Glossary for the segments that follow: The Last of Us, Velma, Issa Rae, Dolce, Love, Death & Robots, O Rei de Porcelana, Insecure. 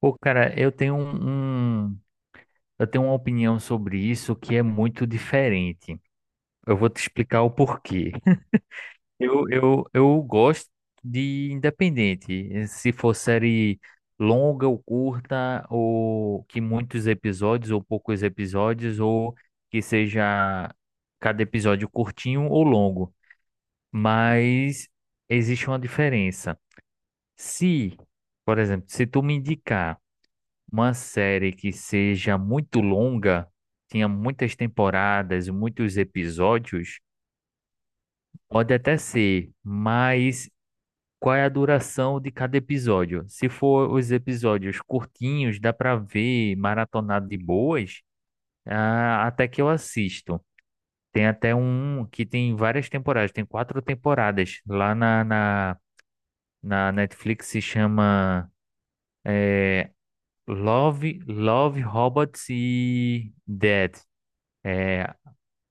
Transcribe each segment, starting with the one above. Pô, cara, eu tenho uma opinião sobre isso que é muito diferente. Eu vou te explicar o porquê. Eu gosto de independente, se for série longa ou curta, ou que muitos episódios ou poucos episódios, ou que seja cada episódio curtinho ou longo. Mas existe uma diferença. Se, por exemplo, se tu me indicar uma série que seja muito longa, tenha muitas temporadas, muitos episódios, pode até ser, mas qual é a duração de cada episódio? Se for os episódios curtinhos, dá para ver maratonado de boas, até que eu assisto. Tem até um que tem várias temporadas, tem quatro temporadas. Lá na Netflix se chama eh, Love, Robots e Dead. É,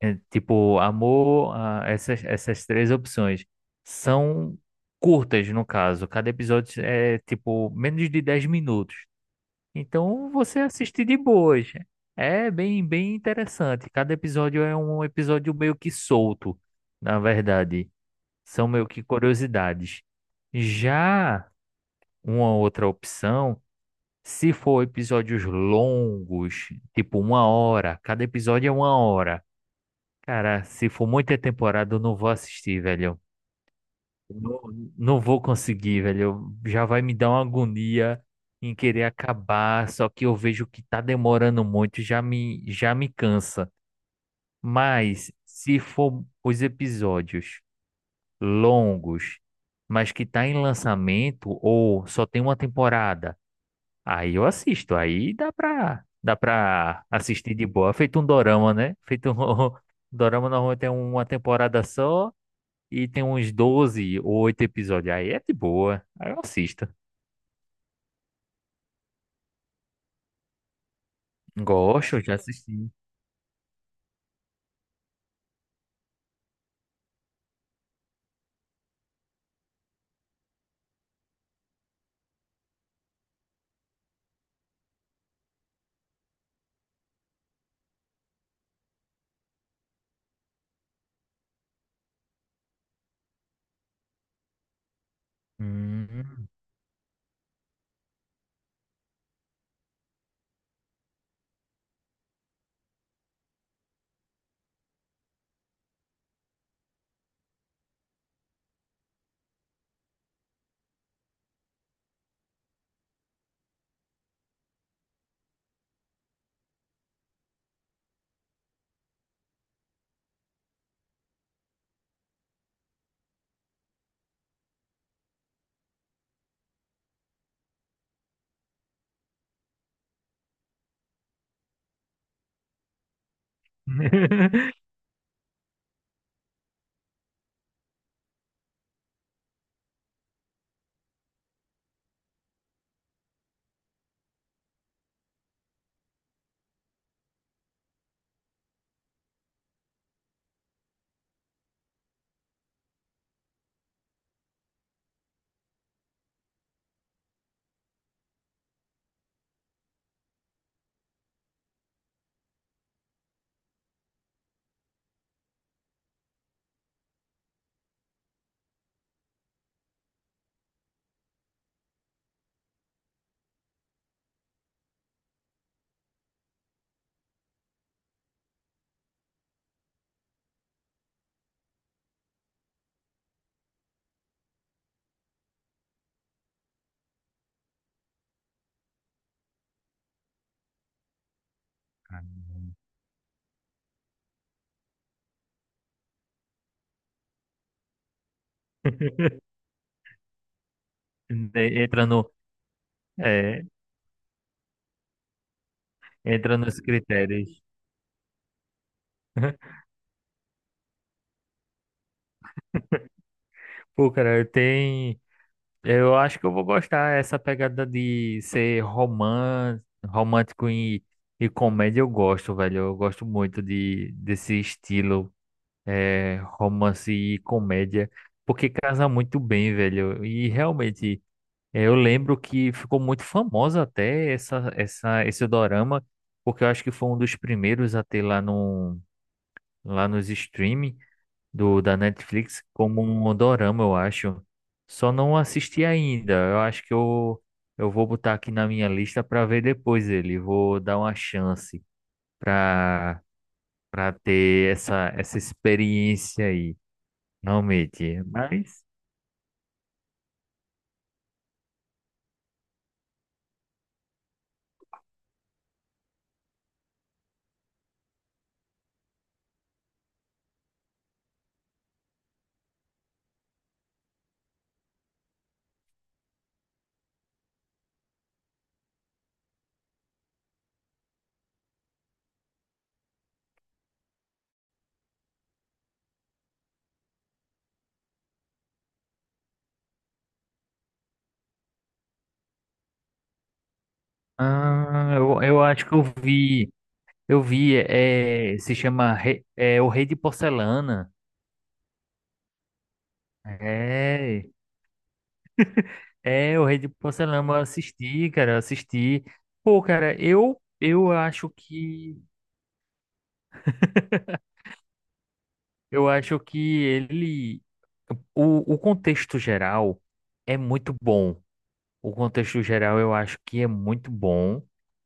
é, tipo, amor, essas três opções são curtas, no caso. Cada episódio é, tipo, menos de 10 minutos. Então, você assiste de boas. É bem, bem interessante. Cada episódio é um episódio meio que solto, na verdade. São meio que curiosidades. Já uma outra opção, se for episódios longos, tipo uma hora, cada episódio é uma hora. Cara, se for muita temporada, eu não vou assistir, velho. Não, não vou conseguir, velho. Já vai me dar uma agonia em querer acabar, só que eu vejo que tá demorando muito, já me cansa. Mas se for os episódios longos, mas que tá em lançamento ou só tem uma temporada, aí eu assisto. Aí dá pra assistir de boa. Feito um dorama, né? Feito um, Dorama normalmente tem uma temporada só. E tem uns 12 ou 8 episódios. Aí é de boa. Aí eu assisto. Gosto, já assisti. Hum. Caramba. De- Entra no, é, entra nos critérios. Pô, cara, tem. Eu acho que eu vou gostar essa pegada de ser romance, romântico e comédia. Eu gosto, velho. Eu gosto muito desse estilo romance e comédia, porque casa muito bem, velho. Eu lembro que ficou muito famosa até esse dorama, porque eu acho que foi um dos primeiros a ter lá, no, lá nos streaming da Netflix como um dorama, eu acho. Só não assisti ainda. Eu acho que eu vou botar aqui na minha lista para ver depois ele. Vou dar uma chance para para ter essa experiência aí, realmente. Mas eu acho que eu vi. Eu vi, se chama O Rei de Porcelana. É, é O Rei de Porcelana, eu assisti, cara, eu assisti. Pô, cara, eu acho que ele o contexto geral é muito bom. O contexto geral eu acho que é muito bom.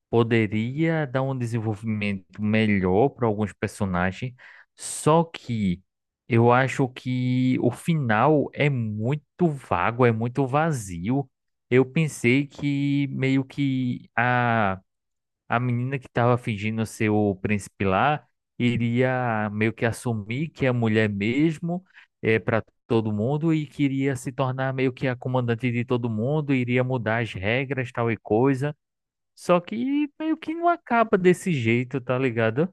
Poderia dar um desenvolvimento melhor para alguns personagens, só que eu acho que o final é muito vago, é muito vazio. Eu pensei que meio que a menina que estava fingindo ser o príncipe lá iria meio que assumir que é mulher mesmo para todo mundo e queria se tornar meio que a comandante de todo mundo, iria mudar as regras, tal e coisa. Só que meio que não acaba desse jeito, tá ligado?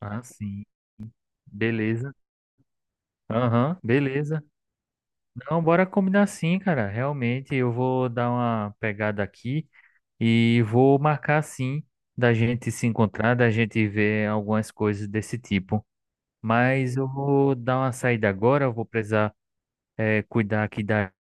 Ah, sim. Beleza. Aham, beleza. Não, bora combinar sim, cara. Realmente, eu vou dar uma pegada aqui. E vou marcar sim da gente se encontrar, da gente ver algumas coisas desse tipo. Mas eu vou dar uma saída agora, eu vou precisar cuidar aqui da